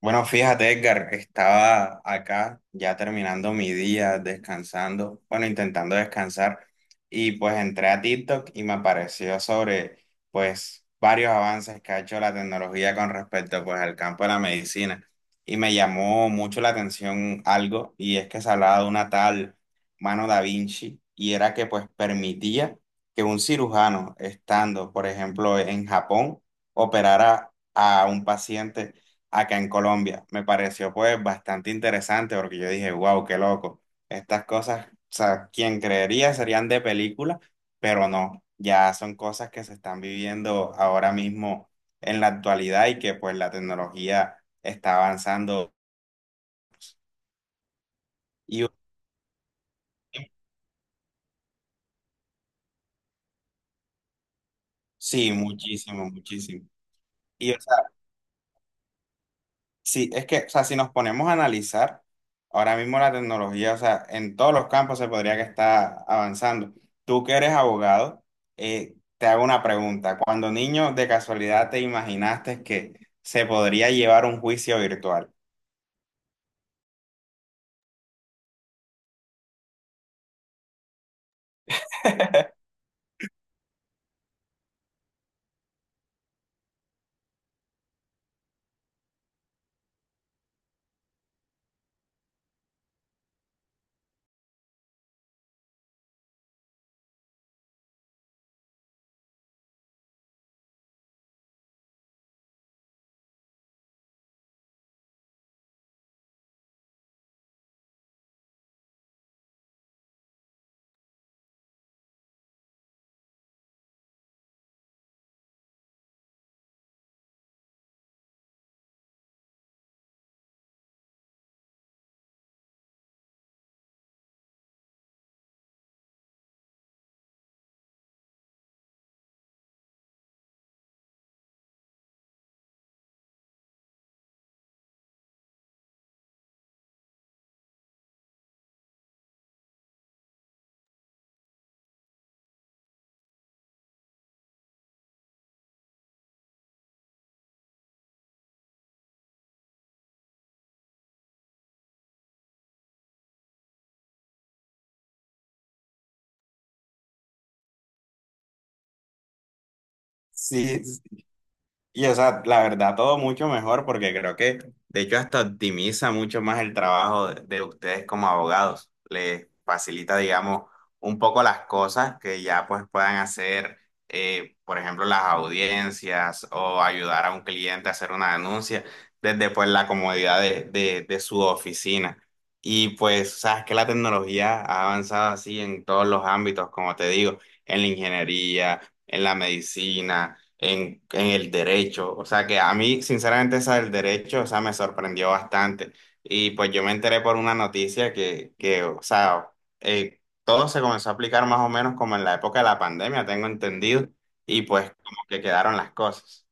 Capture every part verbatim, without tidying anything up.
Bueno, fíjate, Edgar, estaba acá ya terminando mi día, descansando, bueno, intentando descansar, y pues entré a TikTok y me apareció sobre, pues, varios avances que ha hecho la tecnología con respecto, pues, al campo de la medicina. Y me llamó mucho la atención algo, y es que se hablaba de una tal mano da Vinci, y era que, pues, permitía que un cirujano, estando, por ejemplo, en Japón, operara a un paciente acá en Colombia. Me pareció pues bastante interesante porque yo dije, wow, qué loco. Estas cosas, o sea, quien creería serían de película, pero no, ya son cosas que se están viviendo ahora mismo en la actualidad y que pues la tecnología está avanzando. Y sí, muchísimo, muchísimo. Y o sea, sí, es que, o sea, si nos ponemos a analizar, ahora mismo la tecnología, o sea, en todos los campos se podría que está avanzando. Tú que eres abogado, eh, te hago una pregunta. Cuando niño, de casualidad, ¿te imaginaste que se podría llevar un juicio virtual? Sí. Y o sea, la verdad, todo mucho mejor porque creo que de hecho hasta optimiza mucho más el trabajo de, de ustedes como abogados. Les facilita, digamos, un poco las cosas que ya pues puedan hacer, eh, por ejemplo, las audiencias o ayudar a un cliente a hacer una denuncia desde pues la comodidad de, de, de su oficina. Y pues, sabes que la tecnología ha avanzado así en todos los ámbitos, como te digo, en la ingeniería, en la medicina en, en el derecho. O sea que a mí, sinceramente, esa del derecho, o sea, me sorprendió bastante. Y pues yo me enteré por una noticia que, que o sea, eh, todo se comenzó a aplicar más o menos como en la época de la pandemia, tengo entendido, y pues como que quedaron las cosas.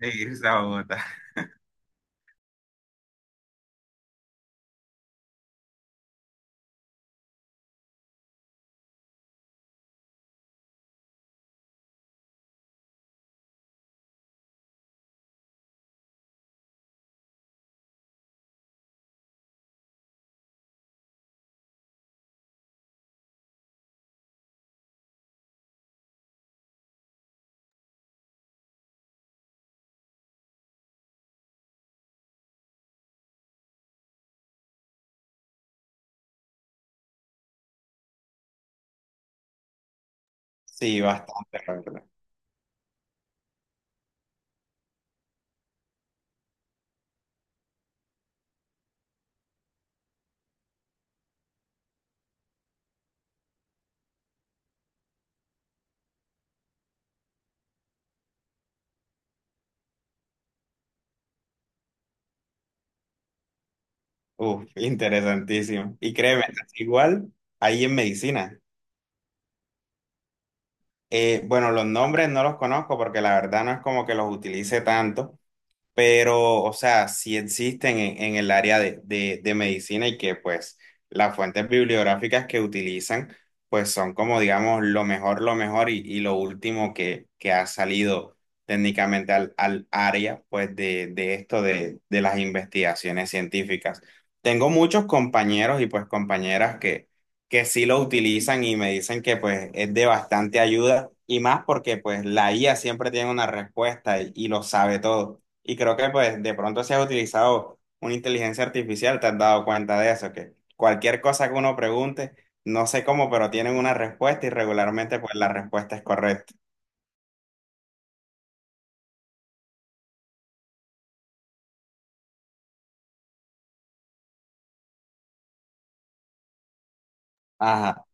Sí, irse a Bogotá. Sí, bastante, la verdad. Uf, interesantísimo. Y créeme, igual ahí en medicina. Eh, bueno, los nombres no los conozco porque la verdad no es como que los utilice tanto, pero, o sea, sí existen en, en el área de, de, de medicina y que pues las fuentes bibliográficas que utilizan pues son como digamos lo mejor, lo mejor y, y lo último que, que ha salido técnicamente al, al área pues de, de esto de, de las investigaciones científicas. Tengo muchos compañeros y pues compañeras que, que sí lo utilizan y me dicen que pues es de bastante ayuda y más porque pues la I A siempre tiene una respuesta y y lo sabe todo. Y creo que pues de pronto se ha utilizado una inteligencia artificial, te has dado cuenta de eso, que cualquier cosa que uno pregunte, no sé cómo, pero tienen una respuesta y regularmente pues la respuesta es correcta. Ajá.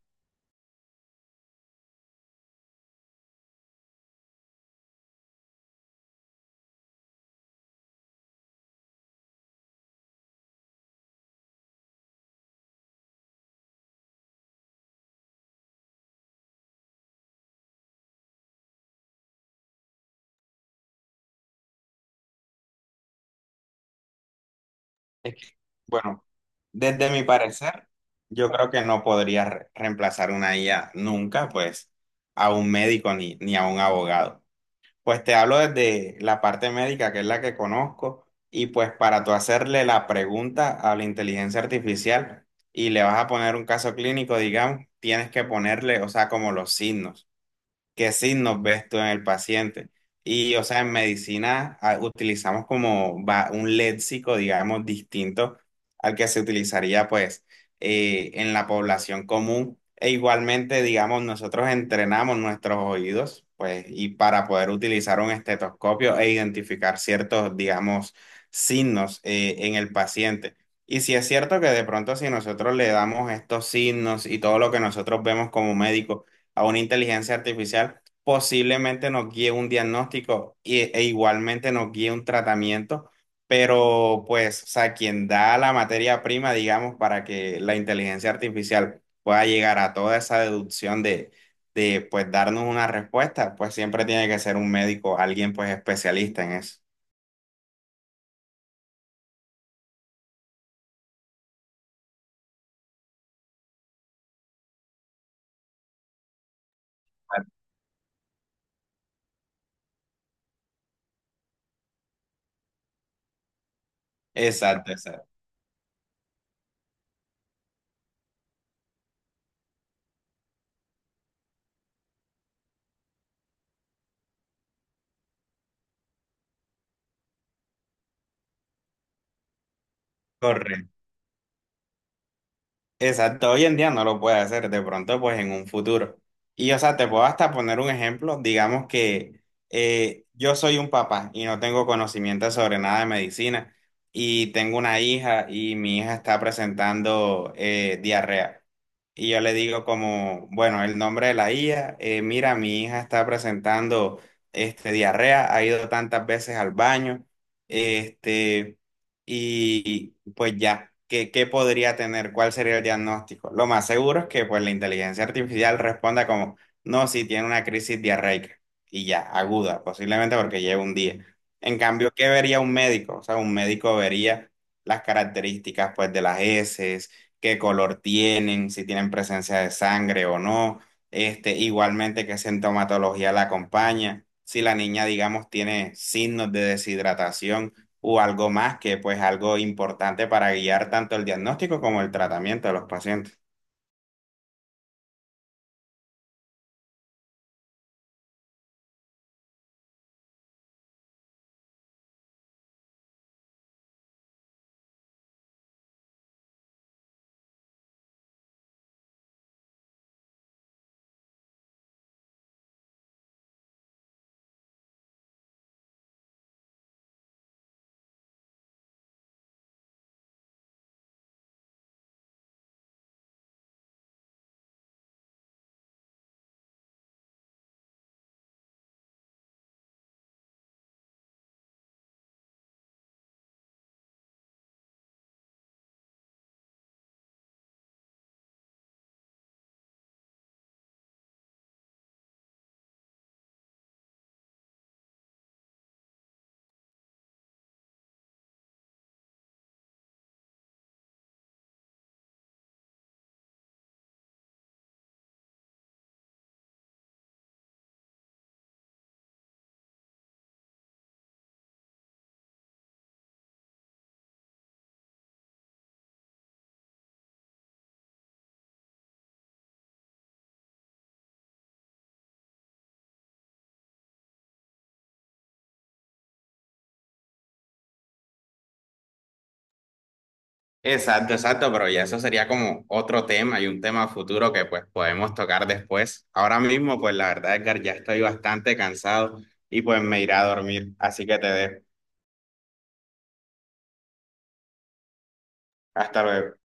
Es que, bueno, desde mi parecer, yo creo que no podría re- reemplazar una I A nunca, pues, a un médico ni, ni a un abogado. Pues te hablo desde la parte médica, que es la que conozco, y pues para tú hacerle la pregunta a la inteligencia artificial y le vas a poner un caso clínico, digamos, tienes que ponerle, o sea, como los signos qué signos ves tú en el paciente. Y, o sea, en medicina ah, utilizamos como va- un léxico, digamos, distinto al que se utilizaría, pues, eh, en la población común. E igualmente, digamos, nosotros entrenamos nuestros oídos, pues, y para poder utilizar un estetoscopio e identificar ciertos, digamos, signos, eh, en el paciente. Y si es cierto que de pronto si nosotros le damos estos signos y todo lo que nosotros vemos como médicos, a una inteligencia artificial, posiblemente nos guíe un diagnóstico y- e igualmente nos guíe un tratamiento, pero pues, o sea, quien da la materia prima, digamos, para que la inteligencia artificial pueda llegar a toda esa deducción de, de pues darnos una respuesta, pues siempre tiene que ser un médico, alguien pues especialista en eso. Exacto, exacto. Correcto. Exacto, hoy en día no lo puede hacer, de pronto pues en un futuro. Y o sea, te puedo hasta poner un ejemplo, digamos que eh, yo soy un papá y no tengo conocimiento sobre nada de medicina y tengo una hija y mi hija está presentando eh, diarrea. Y yo le digo como, bueno, el nombre de la hija, eh, mira, mi hija está presentando este, diarrea, ha ido tantas veces al baño, este... Y pues ya, ¿qué, qué podría tener? ¿Cuál sería el diagnóstico? Lo más seguro es que pues la inteligencia artificial responda como, no, si tiene una crisis diarreica y ya, aguda, posiblemente porque lleva un día. En cambio, ¿qué vería un médico? O sea, un médico vería las características pues de las heces, qué color tienen, si tienen presencia de sangre o no, este, igualmente qué sintomatología la acompaña, si la niña, digamos, tiene signos de deshidratación o algo más que pues algo importante para guiar tanto el diagnóstico como el tratamiento de los pacientes. Exacto, exacto, pero ya eso sería como otro tema y un tema futuro que pues podemos tocar después. Ahora mismo, pues la verdad, Edgar, ya estoy bastante cansado y pues me iré a dormir, así que te dejo. Hasta luego.